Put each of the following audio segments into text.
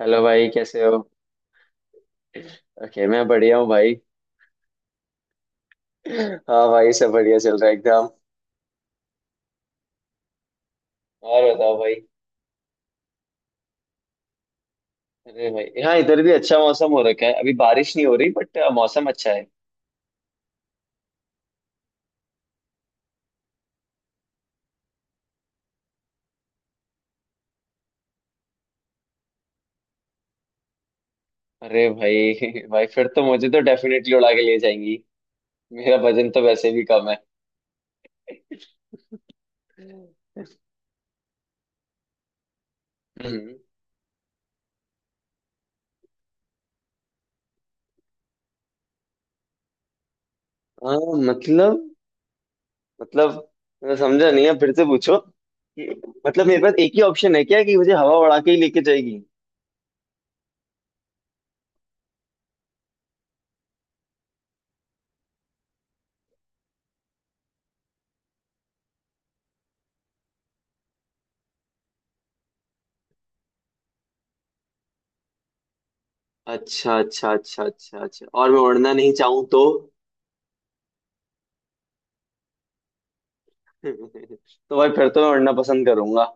Hello भाई कैसे हो? ओके, मैं बढ़िया हूँ भाई। हाँ भाई, सब बढ़िया चल रहा है एकदम। और बताओ भाई। अरे भाई हाँ, इधर भी अच्छा मौसम हो रखा है। अभी बारिश नहीं हो रही बट मौसम अच्छा है। अरे भाई भाई, फिर तो मुझे तो डेफिनेटली उड़ा के ले जाएंगी। मेरा वजन तो वैसे भी कम है। हम्म। हाँ, मतलब मतलब मैं समझा नहीं है, फिर से पूछो। मतलब मेरे पास एक ही ऑप्शन है क्या, कि मुझे हवा उड़ा के ही लेके जाएगी? अच्छा, अच्छा, अच्छा, अच्छा, अच्छा। और मैं उड़ना नहीं चाहूँ तो? तो भाई, फिर तो मैं उड़ना पसंद करूंगा।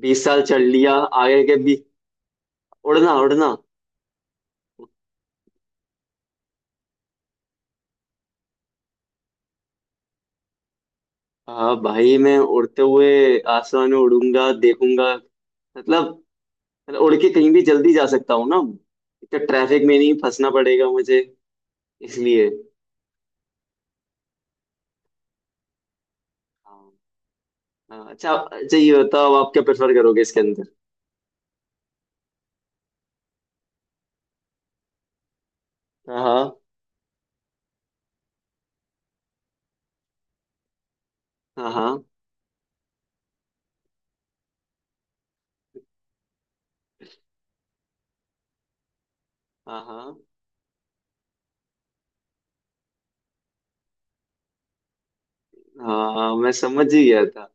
20 साल चल लिया। आगे के भी। उड़ना उड़ना। हाँ भाई, मैं उड़ते हुए आसमान में उड़ूंगा, देखूंगा। मतलब मतलब उड़ के कहीं भी जल्दी जा सकता हूँ ना। इतना ट्रैफिक में नहीं फंसना पड़ेगा मुझे। इसलिए। हाँ हाँ, अच्छा अच्छा, ये बताओ आप क्या प्रेफर करोगे इसके अंदर? हाँ, हाँ, हाँ, हाँ, हाँ, हाँ, मैं समझ ही गया था।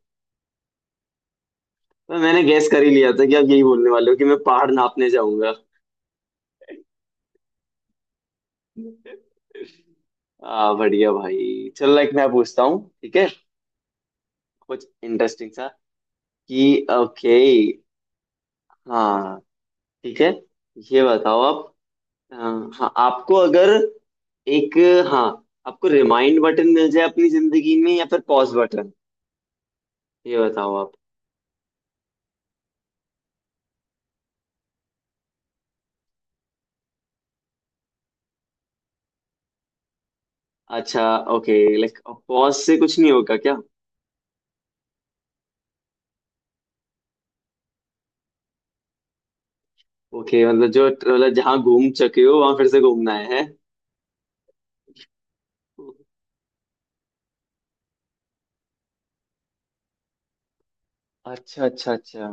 पर मैंने गैस कर ही लिया था कि आप यही बोलने वाले हो कि मैं पहाड़ नापने जाऊंगा। बढ़िया भाई चलो, लाइक मैं पूछता हूँ, ठीक है? कुछ इंटरेस्टिंग सा। कि ओके। हाँ ठीक है, ये बताओ आप। अ, हाँ, आपको अगर एक हाँ, आपको रिमाइंड बटन मिल जाए अपनी जिंदगी में या फिर पॉज बटन? ये बताओ आप। अच्छा, ओके। लाइक पॉज से कुछ नहीं होगा क्या? ओके, मतलब जो मतलब जहाँ घूम चुके हो वहां फिर से घूमना है, है? अच्छा, अच्छा, अच्छा।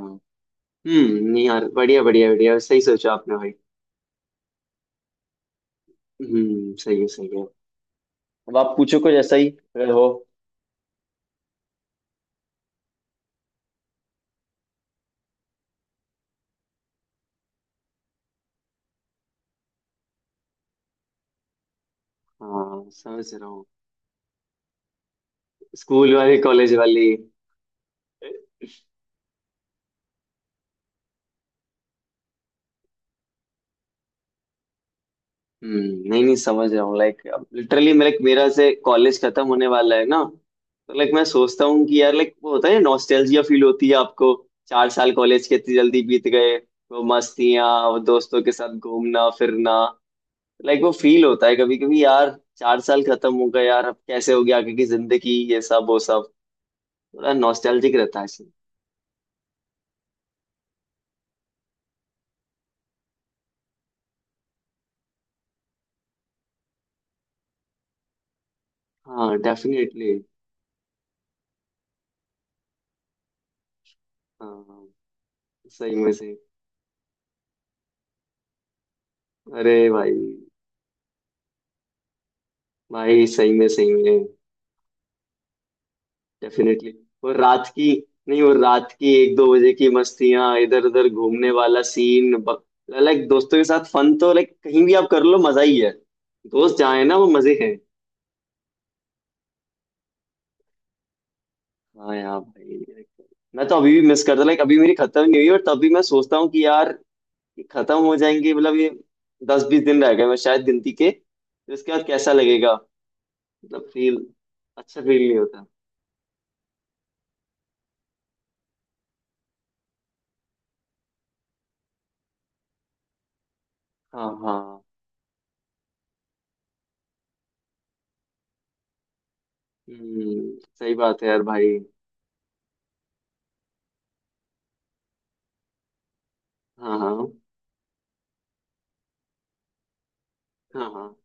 हम्म, नहीं यार, बढ़िया बढ़िया बढ़िया, सही सोचा आपने भाई। हम्म, सही है, सही है। अब आप पूछो कुछ ऐसा ही। अगर हो। हाँ, समझ रहा हूँ। स्कूल वाली, कॉलेज वाली। हम्म, नहीं नहीं समझ रहा हूँ, लाइक अब लिटरली मेरे मेरा से कॉलेज खत्म होने वाला है ना, तो लाइक मैं सोचता हूँ कि यार, लाइक वो होता है नॉस्टैल्जिया, फील होती है आपको। 4 साल कॉलेज के इतनी जल्दी बीत गए। वो मस्तियाँ, वो दोस्तों के साथ घूमना फिरना। लाइक वो फील होता है कभी कभी यार। 4 साल खत्म हो गए यार। अब कैसे हो गया? आगे की जिंदगी, ये सब वो सब। थोड़ा नॉस्टैल्जिक रहता है ऐसे। हाँ डेफिनेटली। सही में सही। अरे भाई भाई। सही में, सही में। डेफिनेटली। और रात की। नहीं, और रात की 1-2 बजे की मस्तियां, इधर उधर घूमने वाला सीन। लाइक दोस्तों के साथ फन तो लाइक कहीं भी आप कर लो, मजा ही है। दोस्त जहाँ है ना, वो मजे हैं। हाँ यार भाई like, मैं तो अभी भी मिस करता, लाइक अभी मेरी खत्म नहीं हुई और तब भी मैं सोचता हूँ कि यार, ये खत्म हो जाएंगे, मतलब ये 10-20 दिन रह गए मैं शायद गिनती के, फिर उसके बाद कैसा लगेगा? मतलब फील। अच्छा फील नहीं होता। हाँ हाँ। हम्म, सही बात है यार भाई। हाँ, हाँ, हाँ, हाँ।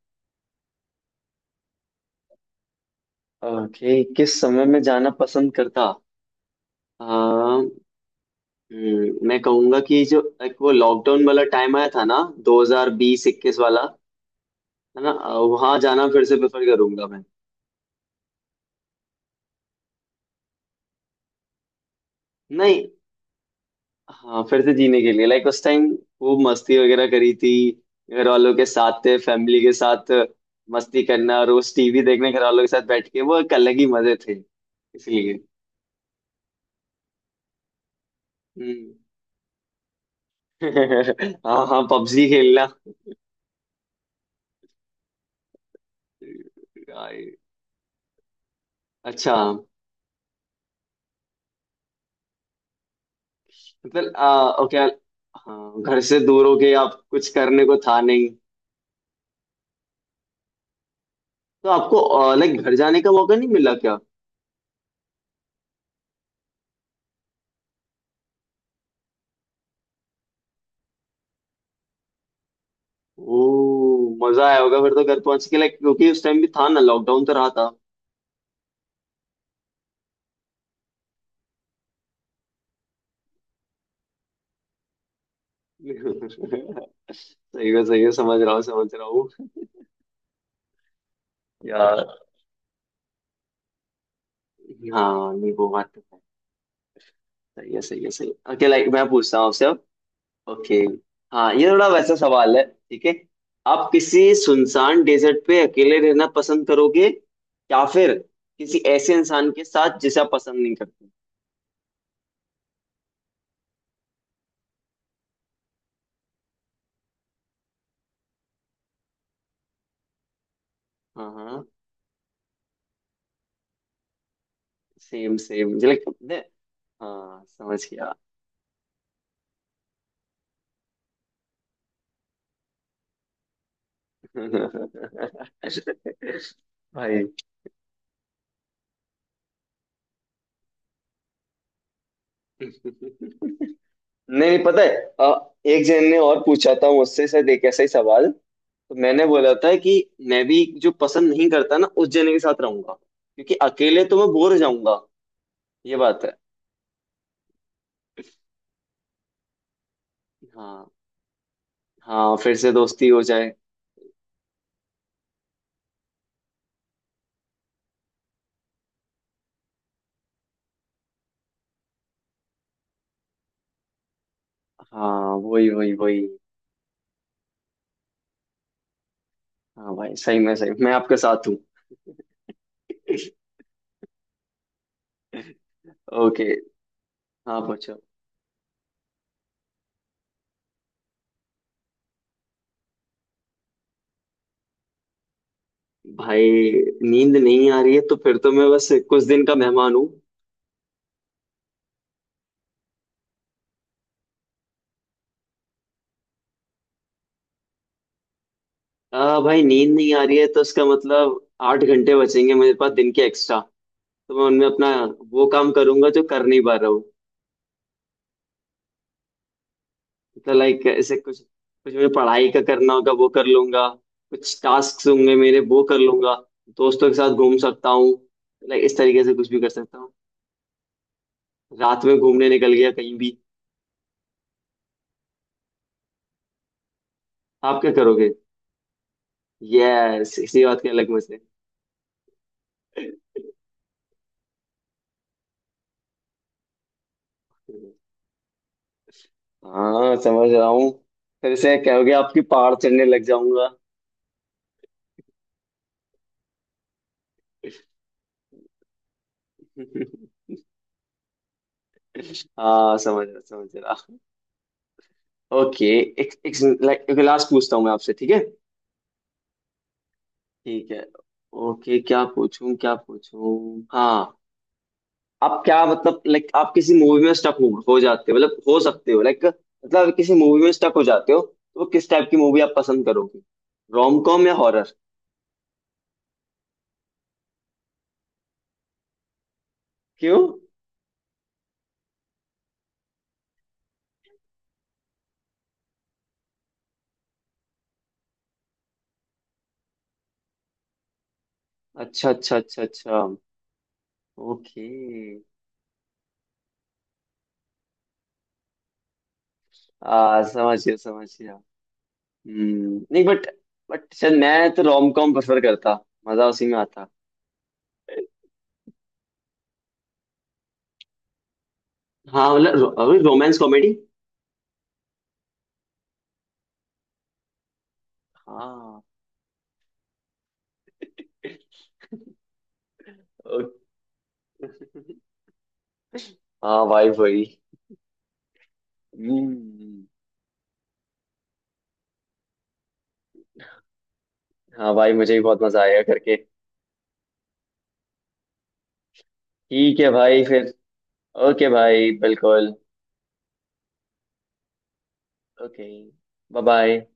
ओके, किस समय में जाना पसंद करता? आ, मैं कहूंगा कि जो एक वो लॉकडाउन वाला टाइम आया था ना 2020-21 वाला, है ना। वहां जाना फिर से प्रेफर करूंगा मैं। नहीं। हाँ, फिर से जीने के लिए लाइक उस टाइम। वो मस्ती वगैरह करी थी। घर वालों के साथ थे, फैमिली के साथ। मस्ती करना, रोज टीवी देखने घर वालों के साथ बैठ के, वो एक अलग ही मजे थे। इसलिए। हम्म। हाँ हाँ, पबजी खेलना। आई- अच्छा। मतलब ओके। हाँ, घर से दूर हो गए आप, कुछ करने को था नहीं। तो आपको लाइक घर जाने का मौका नहीं मिला क्या? ओ, मजा आया होगा फिर तो घर पहुंच के, लाइक क्योंकि उस टाइम भी था ना, लॉकडाउन तो रहा था। सही है, सही है, समझ रहा हूँ, समझ रहा हूँ। यार। हाँ नहीं, वो बात तो है, सही है, सही है, सही है। ओके, लाइक मैं पूछता हूँ आपसे अब। ओके। हाँ, ये थोड़ा वैसा सवाल है, ठीक है? आप किसी सुनसान डेजर्ट पे अकेले रहना पसंद करोगे, या फिर किसी ऐसे इंसान के साथ जिसे आप पसंद नहीं करते? हाँ हाँ। सेम सेम, मुझे लगता है। हाँ, समझ गया। भाई। नहीं, नहीं, पता है एक जन ने और पूछा था मुझसे शायद एक ऐसा ही सवाल। तो मैंने बोला था कि मैं भी जो पसंद नहीं करता ना, उस जने के साथ रहूंगा, क्योंकि अकेले तो मैं बोर हो जाऊंगा। ये बात है। हाँ, हाँ, फिर से दोस्ती हो जाए। हाँ, वही वही वही। हाँ भाई, सही में सही, मैं आपके साथ हूँ। ओके। हाँ, पूछो। भाई नींद नहीं आ रही है, तो फिर तो मैं बस कुछ दिन का मेहमान हूँ। आ भाई, नींद नहीं आ रही है तो उसका मतलब 8 घंटे बचेंगे मेरे पास दिन के एक्स्ट्रा। तो मैं उनमें अपना वो काम करूंगा जो कर नहीं पा रहा। तो लाइक ऐसे कुछ कुछ मुझे पढ़ाई का करना होगा, वो कर लूंगा। कुछ टास्क होंगे मेरे, वो कर लूंगा। दोस्तों के साथ घूम सकता हूँ। लाइक इस तरीके से कुछ भी कर सकता हूँ। रात में घूमने निकल गया कहीं भी। आप क्या करोगे? यस, इसी बात के अलग मजे। हाँ, समझ रहा हूँ। फिर से कहोगे आपकी पहाड़ चढ़ने लग जाऊंगा हाँ, समझ रहा समझ रहा। ओके। एक एक। लाइक लास्ट पूछता हूँ मैं आपसे, ठीक है? ठीक है। ओके, क्या पूछूं, क्या पूछूं? हाँ। आप क्या, मतलब लाइक आप किसी मूवी में स्टक हो जाते हो, मतलब हो सकते हो, लाइक मतलब किसी मूवी में स्टक हो जाते हो, तो वो किस टाइप की मूवी आप पसंद करोगे? रोम कॉम या हॉरर? क्यों? अच्छा, अच्छा, अच्छा, अच्छा। ओके। आ समझ गया, समझ गया। हम्म, नहीं। बट शायद मैं तो रोम कॉम प्रेफर करता। मजा उसी में आता। हाँ मतलब रोमांस कॉमेडी। हाँ। ओ- हाँ भाई भाई। हम्म। हाँ भाई, मुझे भी बहुत मजा आया करके। ठीक है भाई, फिर। ओके भाई, बिल्कुल। ओके। Bye bye.